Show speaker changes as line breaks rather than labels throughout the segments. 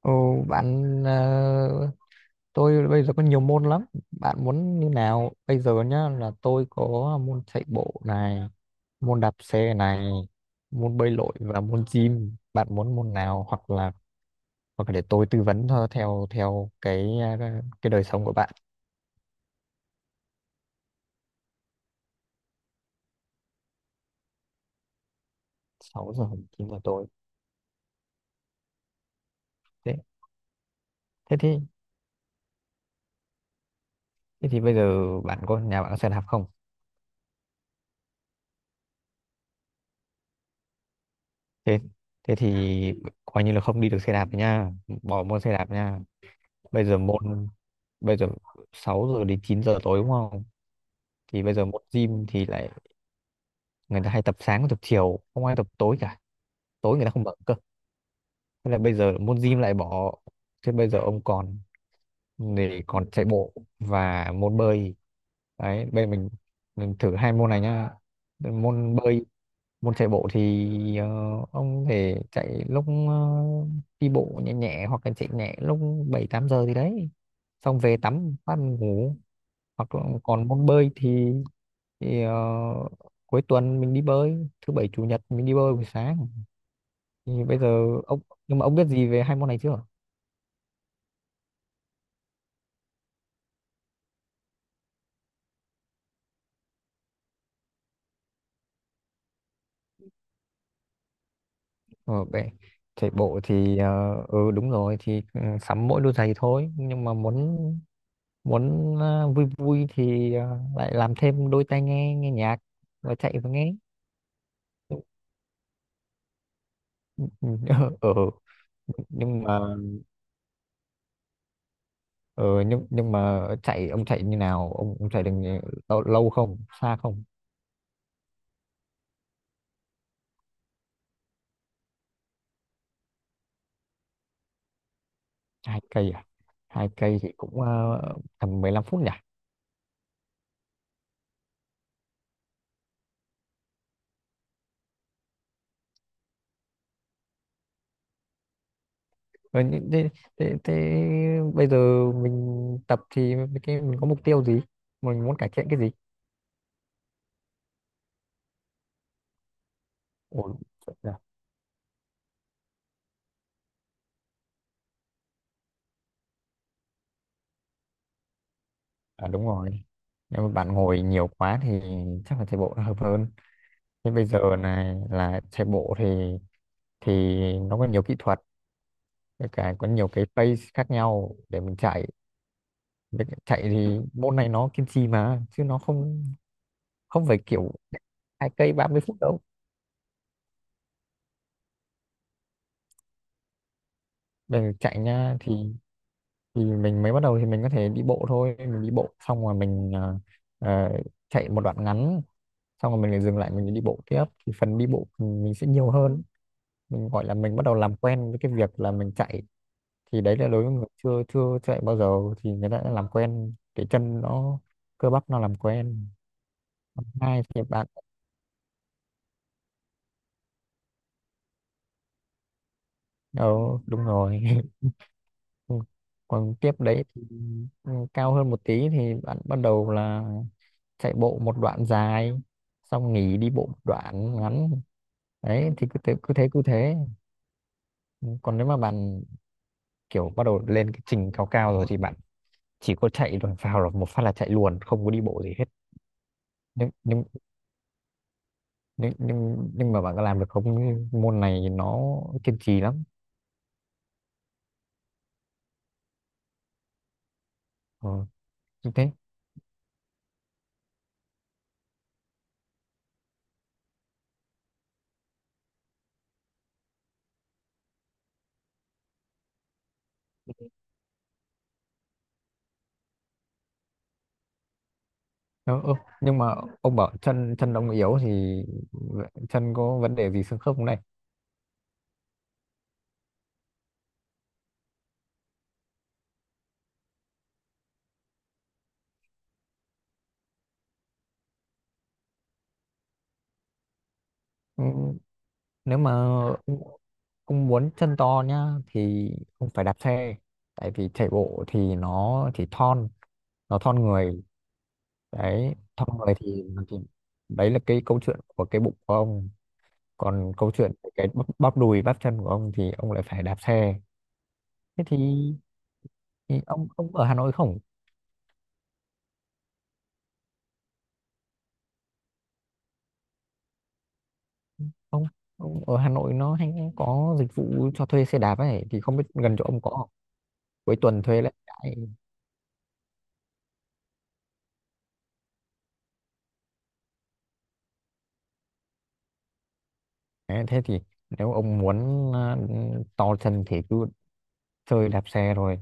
Ồ, bạn, tôi bây giờ có nhiều môn lắm. Bạn muốn như nào? Bây giờ nhá là tôi có môn chạy bộ này, môn đạp xe này, môn bơi lội và môn gym. Bạn muốn môn nào hoặc là để tôi tư vấn thôi theo theo cái đời sống của bạn. 6 giờ 9 giờ tối. Thế thế thì thế thì bây giờ bạn có nhà bạn có xe đạp không? Thế thế thì coi như là không đi được xe đạp nha, bỏ môn xe đạp nha. bây giờ môn Bây giờ 6 giờ đến 9 giờ tối đúng không? Thì bây giờ môn gym thì lại người ta hay tập sáng tập chiều, không ai tập tối cả, tối người ta không bận cơ. Thế là bây giờ môn gym lại bỏ. Thế bây giờ ông còn để còn chạy bộ và môn bơi. Đấy bây giờ mình thử hai môn này nhá. Môn bơi, môn chạy bộ thì ông thể chạy lúc đi bộ nhẹ nhẹ hoặc là chạy nhẹ lúc 7, 8 giờ thì đấy xong về tắm phát ngủ. Hoặc là còn môn bơi thì, thì ờ, cuối tuần mình đi bơi, thứ bảy chủ nhật mình đi bơi buổi sáng. Thì bây giờ ông Nhưng mà ông biết gì về hai môn này chưa? Ờ, về chạy bộ thì ừ, đúng rồi, thì ừ, sắm mỗi đôi giày thôi, nhưng mà muốn muốn vui vui thì lại làm thêm đôi tai nghe, nghe nhạc và chạy và nghe. Ừ, ừ. nhưng mà nhưng mà chạy ông chạy như nào, ông chạy được lâu không, xa không? 2 cây à? 2 cây thì cũng tầm 15 phút nhỉ? Thế, thế, thế, thế bây giờ mình tập thì mình, cái mình có mục tiêu gì, mình muốn cải thiện cái gì? Ủa, thật ra- À, đúng rồi, nếu mà bạn ngồi nhiều quá thì chắc là chạy bộ nó hợp hơn. Thế bây giờ này là chạy bộ thì nó có nhiều kỹ thuật, với cả có nhiều cái pace khác nhau để mình chạy. Với cả chạy thì môn này nó kiên trì mà chứ nó không không phải kiểu 2 cây 30 phút đâu. Về chạy nha thì mình mới bắt đầu thì mình có thể đi bộ thôi, mình đi bộ xong rồi mình ờ, chạy một đoạn ngắn, xong rồi mình lại dừng lại, mình đi bộ tiếp, thì phần đi bộ mình sẽ nhiều hơn, mình gọi là mình bắt đầu làm quen với cái việc là mình chạy. Thì đấy là đối với người chưa chưa chạy bao giờ thì người ta đã làm quen, cái chân nó, cơ bắp nó làm quen. Hai thì bạn, ờ đúng rồi. Ừ. Còn tiếp đấy thì ừ, cao hơn một tí thì bạn bắt đầu là chạy bộ một đoạn dài xong nghỉ đi bộ một đoạn ngắn. Đấy thì cứ thế cứ thế cứ thế. Còn nếu mà bạn kiểu bắt đầu lên cái trình cao cao rồi thì bạn chỉ có chạy, rồi vào là một phát là chạy luôn, không có đi bộ gì hết. Nhưng nhưng nhưng nhưng, nhưng mà bạn có làm được không? Môn này nó kiên trì lắm. ờ, Như thế. Ờ, ơ, nhưng mà ông bảo chân chân ông yếu thì chân có vấn đề gì xương khớp không này? Ừ, nếu mà ông muốn chân to nhá thì ông phải đạp xe, tại vì chạy bộ thì nó chỉ thon, nó thon người. Đấy thon người thì, thì đấy là cái câu chuyện của cái bụng của ông, còn câu chuyện về cái bắp đùi bắp chân của ông thì ông lại phải đạp xe. Thế thì ông ở Hà Nội không? Ông ông ở Hà Nội nó hay có dịch vụ cho thuê xe đạp ấy, thì không biết gần chỗ ông có không? Cuối tuần thuê lại đấy. Đấy, thế thì nếu ông muốn to chân thì cứ chơi đạp xe rồi.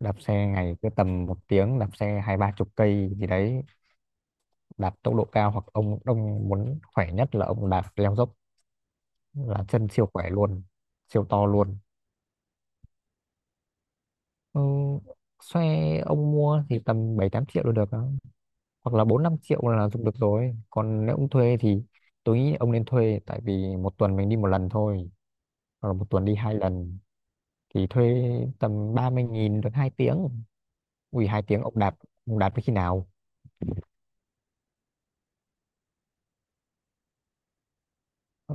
Đạp xe ngày cứ tầm 1 tiếng, đạp xe hai ba chục cây gì đấy, đạp tốc độ cao, hoặc ông, muốn khỏe nhất là ông đạp leo dốc là chân siêu khỏe luôn, siêu to luôn. Ừ, xe ông mua thì tầm 7, 8 triệu là được đó, hoặc là 4, 5 triệu là dùng được rồi. Còn nếu ông thuê thì tôi nghĩ ông nên thuê, tại vì một tuần mình đi một lần thôi hoặc là một tuần đi hai lần thì thuê tầm 30.000 được 2 tiếng. Ui, hai tiếng ông đạp tới khi nào. Ừ,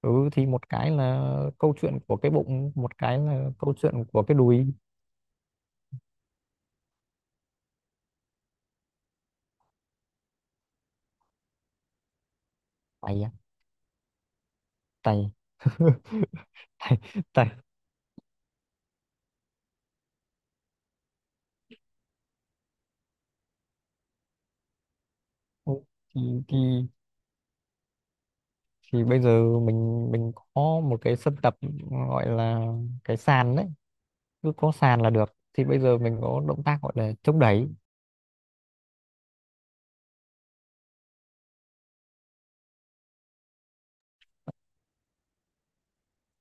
ừ, thì một cái là câu chuyện của cái bụng, một cái là câu chuyện của cái đùi. Tay á? Tay tay, tay. Ừ, thì, thì thì bây giờ mình có một cái sân tập gọi là cái sàn đấy. Cứ có sàn là được, thì bây giờ mình có động tác gọi là chống đẩy.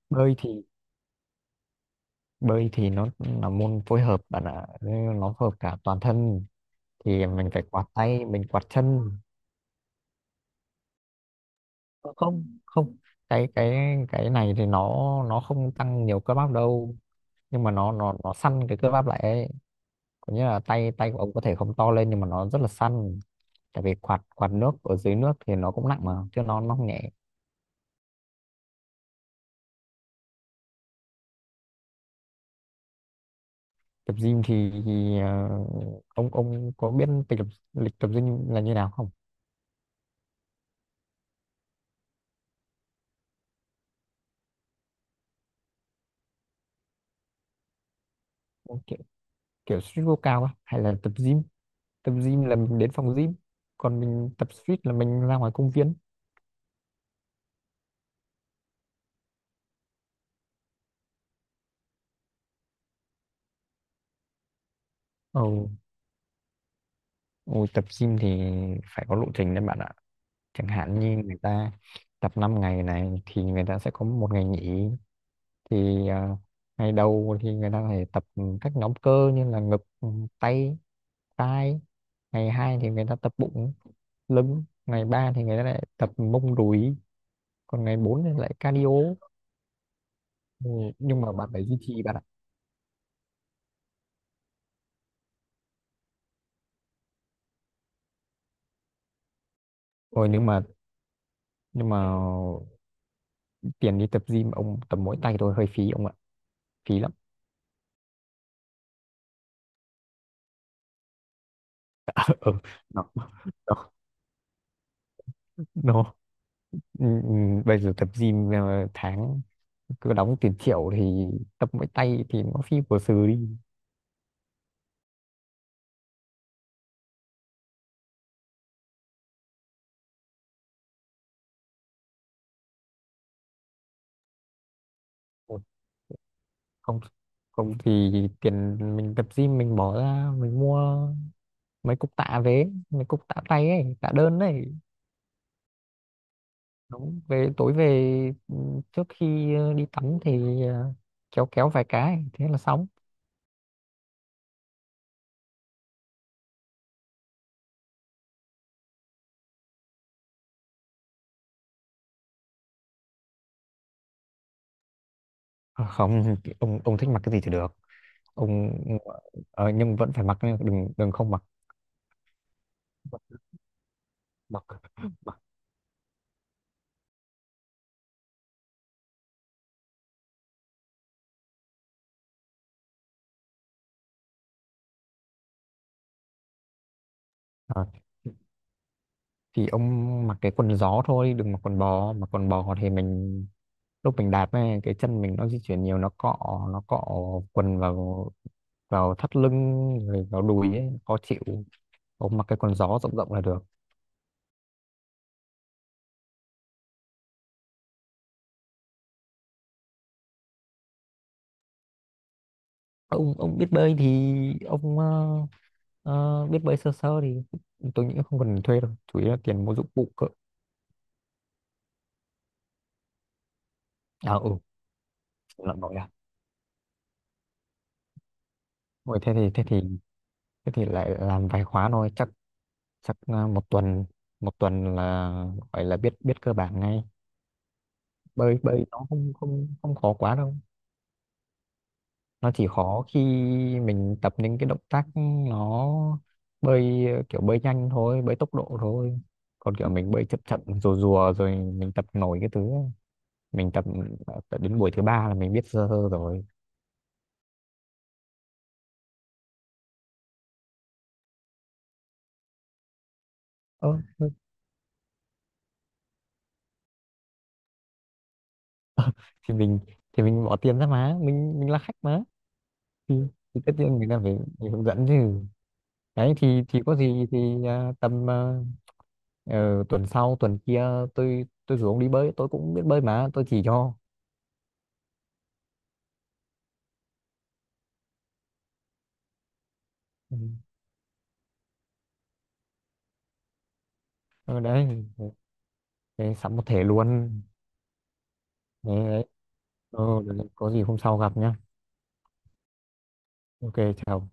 Bơi thì bơi thì nó là môn phối hợp bạn ạ, nên nó phối hợp cả toàn thân, thì mình phải quạt tay, mình quạt chân. Ờ, không, không, cái này thì nó không tăng nhiều cơ bắp đâu, nhưng mà nó săn cái cơ bắp lại ấy. Có nghĩa là tay tay của ông có thể không to lên nhưng mà nó rất là săn, tại vì quạt quạt nước, ở dưới nước thì nó cũng nặng mà chứ nó không nhẹ. Tập gym thì, ông có biết lịch tập gym là như nào không? Ông kiểu, street workout á, hay là tập gym? Tập gym là mình đến phòng gym, còn mình tập street là mình ra ngoài công viên. Ồ, Ôi, tập gym thì phải có lộ trình đấy bạn ạ. Chẳng hạn như người ta tập 5 ngày này thì người ta sẽ có một ngày nghỉ. Thì ngày đầu thì người ta phải tập các nhóm cơ như là ngực, tay, vai. Ngày 2 thì người ta tập bụng, lưng. Ngày 3 thì người ta lại tập mông, đùi. Còn ngày 4 thì lại cardio. Ừ, nhưng mà bạn phải duy trì bạn ạ. Ôi nhưng mà tiền đi tập gym ông tập mỗi tay thôi hơi phí ông ạ, phí lắm. Ừ. nó, nó, nó. Ừ, ừ, bây giờ tập gym tháng cứ đóng tiền triệu thì tập mỗi tay thì nó phi của sừ đi. Một- Không, không thì tiền mình tập gym mình bỏ ra mình mua mấy cục tạ về, mấy cục tạ tay ấy, tạ đơn ấy. Đúng, về tối về, ừ, trước khi đi tắm thì kéo kéo vài cái thế là xong. À, không, ông thích mặc cái gì thì được. Ông nhưng vẫn phải mặc nhá, đừng đừng không mặc, mặc. Ờ, thì ông mặc cái quần gió thôi, đừng mặc quần bò. Mặc quần bò thì mình lúc mình đạp ấy, cái chân mình nó di chuyển nhiều nó cọ, nó cọ quần vào, vào thắt lưng rồi vào đùi ấy, khó chịu. Ông mặc cái quần gió rộng rộng là được. Ông biết bơi thì ông biết bơi sơ sơ thì tôi nghĩ không cần thuê đâu, chủ yếu là tiền mua dụng cụ cơ. À, ừ. Lợn nổi à? Ôi, thế thì lại làm vài khóa thôi, chắc chắc ờ, một tuần, là gọi là biết biết cơ bản ngay. Bơi bơi nó không, không khó quá đâu, nó chỉ khó khi mình tập những cái động tác, nó bơi kiểu bơi nhanh thôi, bơi tốc độ thôi. Còn kiểu mình bơi chậm chậm rùa rùa rồi mình tập nổi cái thứ ấy. Mình tập, đến buổi thứ ba là mình biết sơ sơ rồi. Ơ thì mình, thì mình bỏ tiền ra mà, mình là khách mà. Thì, tất nhiên người ta phải, hướng dẫn chứ. Đấy thì có gì thì à, tầm, tuần sau tuần kia tôi rủ ông đi bơi, tôi cũng biết bơi mà tôi chỉ cho. Ừ. Ừ, đấy. Thế sắm một thể luôn. Đấy, đấy. Ờ, có gì hôm sau gặp nhá. Ok, chào.